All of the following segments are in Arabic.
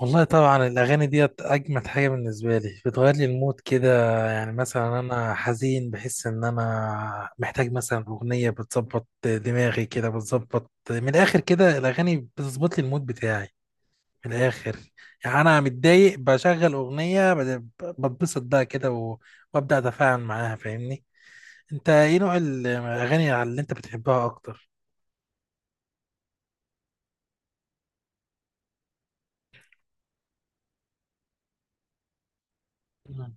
والله طبعا الأغاني ديت أجمد حاجة بالنسبة لي، بتغير لي المود كده. يعني مثلا أنا حزين، بحس إن أنا محتاج مثلا أغنية بتظبط دماغي كده، بتظبط من الآخر كده. الأغاني بتظبط لي المود بتاعي من الآخر. يعني أنا متضايق بشغل أغنية بتبسط بقى كده وأبدأ أتفاعل معاها. فاهمني؟ أنت إيه نوع الأغاني اللي أنت بتحبها أكتر؟ مم.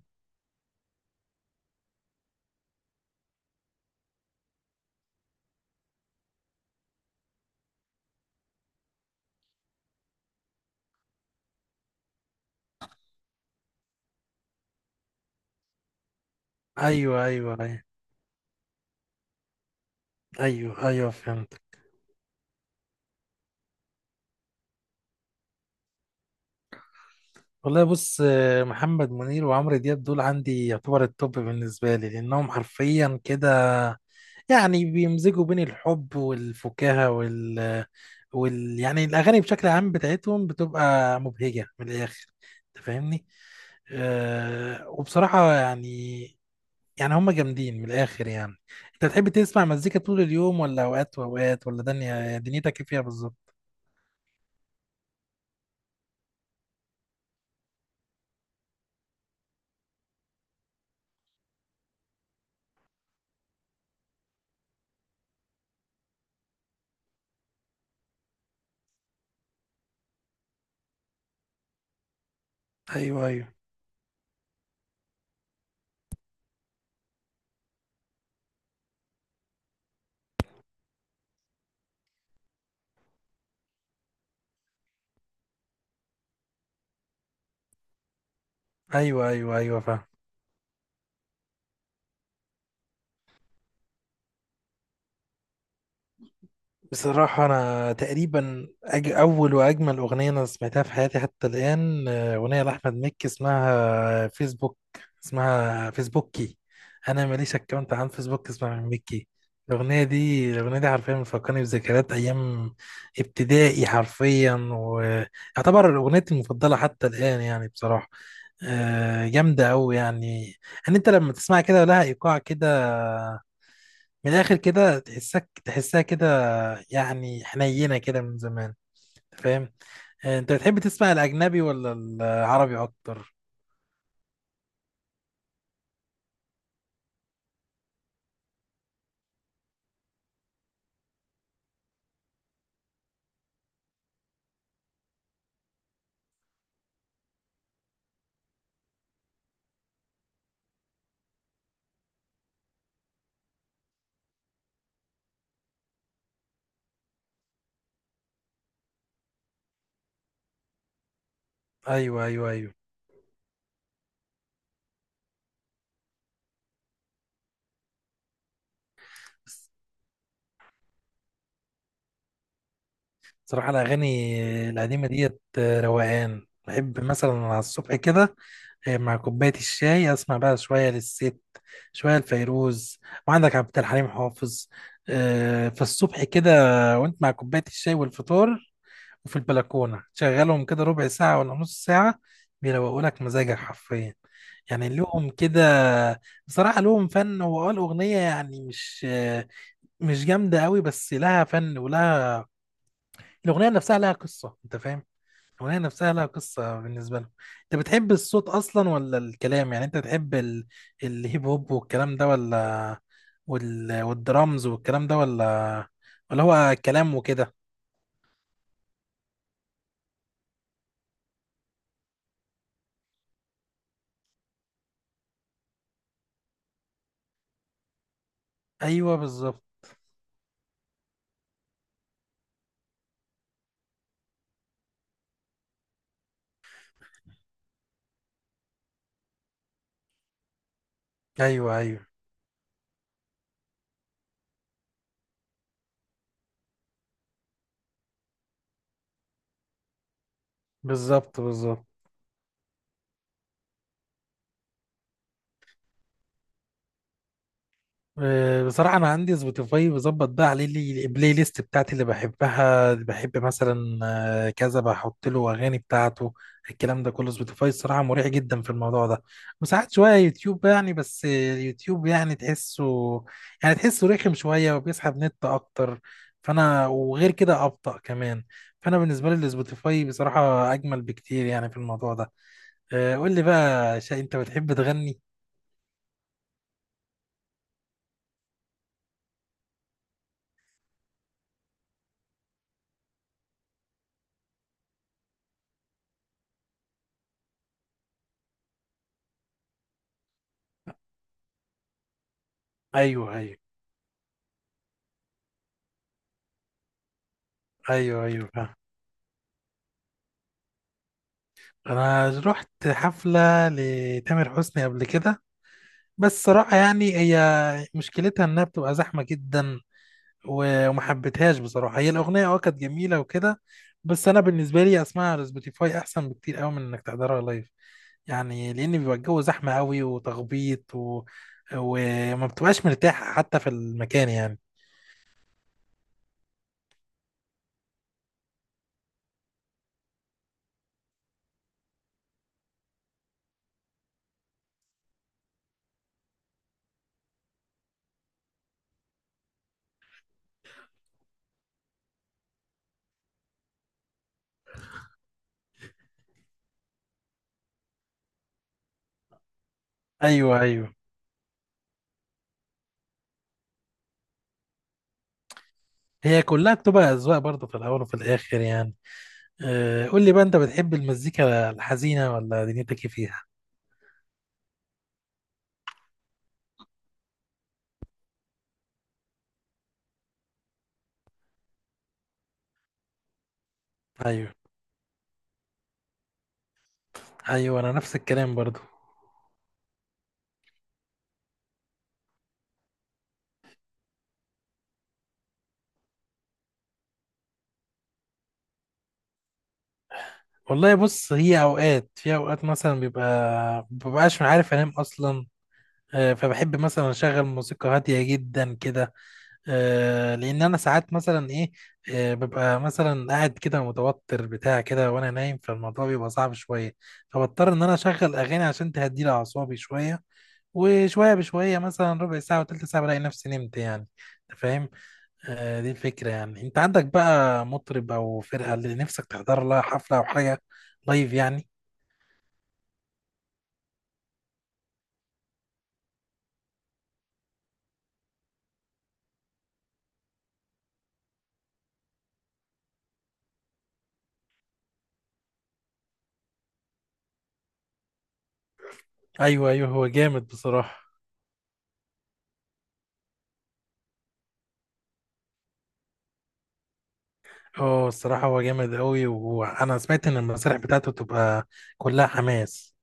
أيوه، أيوه، أيوه. أيوه، أيوه، فهمت. والله بص، محمد منير وعمرو دياب دول عندي يعتبر التوب بالنسبة لي، لأنهم حرفيا كده يعني بيمزجوا بين الحب والفكاهة يعني الأغاني بشكل عام بتاعتهم بتبقى مبهجة من الآخر. أنت فاهمني؟ وبصراحة يعني، يعني هم جامدين من الآخر يعني. أنت بتحب تسمع مزيكا طول اليوم ولا أوقات وأوقات، ولا دنيتك إيه فيها بالظبط؟ أيوه، أيوه، أيوه. أيوه، أيوه، فاهم. بصراحة أنا تقريبا أول وأجمل أغنية أنا سمعتها في حياتي حتى الآن، أغنية لأحمد مكي اسمها فيسبوك، اسمها فيسبوكي. أنا ماليش أكونت عن فيسبوك، اسمها أحمد مكي. الأغنية دي حرفيا بتفكرني بذكريات أيام ابتدائي حرفيا، ويعتبر أغنيتي المفضلة حتى الآن يعني، بصراحة. جامدة أوي يعني. إن أنت لما تسمع كده لها إيقاع كده من الآخر كده، تحسها كده، يعني حنينة كده من زمان. فاهم؟ انت بتحب تسمع الاجنبي ولا العربي اكتر؟ ايوه، ايوه، ايوه. صراحة الاغاني القديمة ديت، روقان. بحب مثلا على الصبح كده، مع كوباية الشاي، اسمع بقى شوية للست، شوية لفيروز، وعندك عبد الحليم حافظ. فالصبح كده وانت مع كوباية الشاي والفطار وفي البلكونة، شغلهم كده ربع ساعة ولا نص ساعة، بيروقوا لك مزاجك حرفيا. يعني لهم كده، بصراحة لهم فن. هو الأغنية يعني مش جامدة قوي، بس لها فن ولها، الأغنية نفسها لها قصة. أنت فاهم؟ الأغنية نفسها لها قصة بالنسبة لهم. أنت بتحب الصوت أصلا ولا الكلام؟ يعني أنت بتحب الهيب هوب والكلام ده، ولا والدرامز والكلام ده، ولا هو كلام وكده؟ أيوه، بالظبط. أيوه، أيوه، بالظبط، بالظبط. بصراحة أنا عندي سبوتيفاي، بظبط بقى عليه البلاي ليست بتاعتي اللي بحبها، اللي بحب مثلا آه، كذا بحط له أغاني بتاعته. الكلام ده كله سبوتيفاي، الصراحة مريح جدا في الموضوع ده. وساعات شوية يوتيوب يعني، بس اليوتيوب يعني تحسه رخم شوية، وبيسحب نت أكتر، فأنا وغير كده أبطأ كمان. فأنا بالنسبة لي السبوتيفاي بصراحة أجمل بكتير يعني في الموضوع ده. قول لي بقى، أنت بتحب تغني؟ أيوه، أيوه، أيوه. أيوه. انا رحت حفله لتامر حسني قبل كده، بس صراحه يعني هي، مشكلتها انها بتبقى زحمه جدا وما حبيتهاش بصراحه. هي الاغنيه كانت جميله وكده، بس انا بالنسبه لي اسمعها على سبوتيفاي احسن بكتير قوي من انك تحضرها لايف. يعني لان بيبقى الجو زحمه قوي وتخبيط وما بتبقاش مرتاح حتى في المكان يعني. ايوه، ايوه. هي كلها بتبقى اذواق برضه في الاول وفي الاخر يعني. قول لي بقى، انت بتحب المزيكا الحزينه ولا دنيتك إيه فيها؟ ايوه، ايوه، انا نفس الكلام برضو. والله بص، هي اوقات، في اوقات مثلا بيبقى مببقاش عارف انام اصلا. فبحب مثلا اشغل موسيقى هاديه جدا كده، لان انا ساعات مثلا ايه، ببقى مثلا قاعد كده متوتر بتاع كده وانا نايم، فالموضوع بيبقى صعب شويه، فبضطر ان انا اشغل اغاني عشان تهدي لي اعصابي شويه، وشويه بشويه مثلا ربع ساعه وتلت ساعه بلاقي نفسي نمت يعني. أنت فاهم؟ دي الفكرة. يعني انت عندك بقى مطرب او فرقة اللي نفسك تحضر لها حفلة او حاجة لايف يعني؟ ايوه، ايوه، هو جامد بصراحة. اه الصراحة هو جامد قوي، وانا سمعت ان المسارح بتاعته تبقى كلها حماس.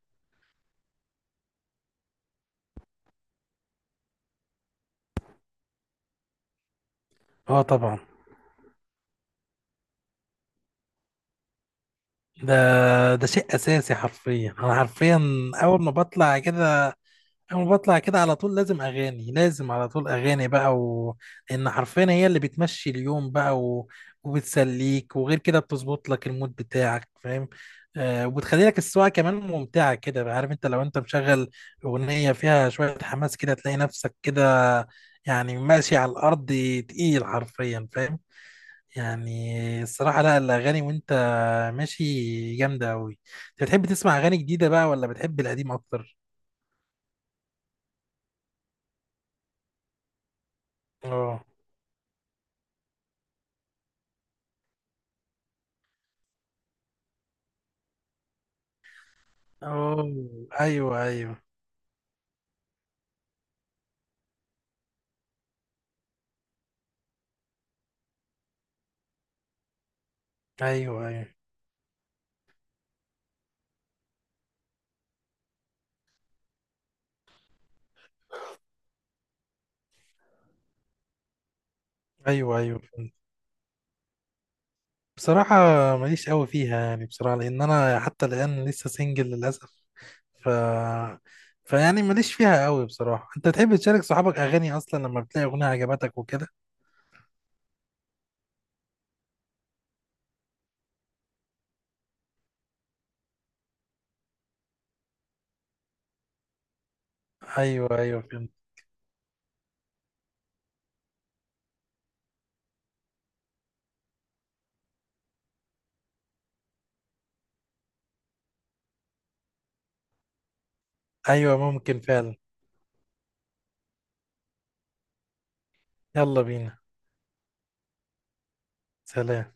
اه، طبعا. ده ده شيء اساسي حرفيا. انا حرفيا اول ما بطلع كده أول ما بطلع كده على طول لازم أغاني، لازم على طول أغاني بقى، لأن حرفيا هي اللي بتمشي اليوم بقى وبتسليك، وغير كده بتظبط لك المود بتاعك، فاهم؟ وبتخلي لك السواقة كمان ممتعة كده. عارف أنت لو أنت مشغل أغنية فيها شوية حماس كده تلاقي نفسك كده، يعني ماشي على الأرض تقيل حرفيا، فاهم؟ يعني الصراحة لا، الأغاني وأنت ماشي جامدة أوي. أنت بتحب تسمع أغاني جديدة بقى ولا بتحب القديم أكتر؟ اه. اوه، ايوه، ايوه، ايوه. ايوه، ايوه، ايوه، فهمت. بصراحة ماليش قوي فيها يعني، بصراحة لأن أنا حتى الآن لسه سنجل للأسف. ف فيعني ماليش فيها قوي، بصراحة. أنت تحب تشارك صحابك أغاني أصلا لما بتلاقي أغنية عجبتك وكده؟ أيوه، أيوه، فهمت. أيوه، ممكن فعلا. يلا بينا. سلام.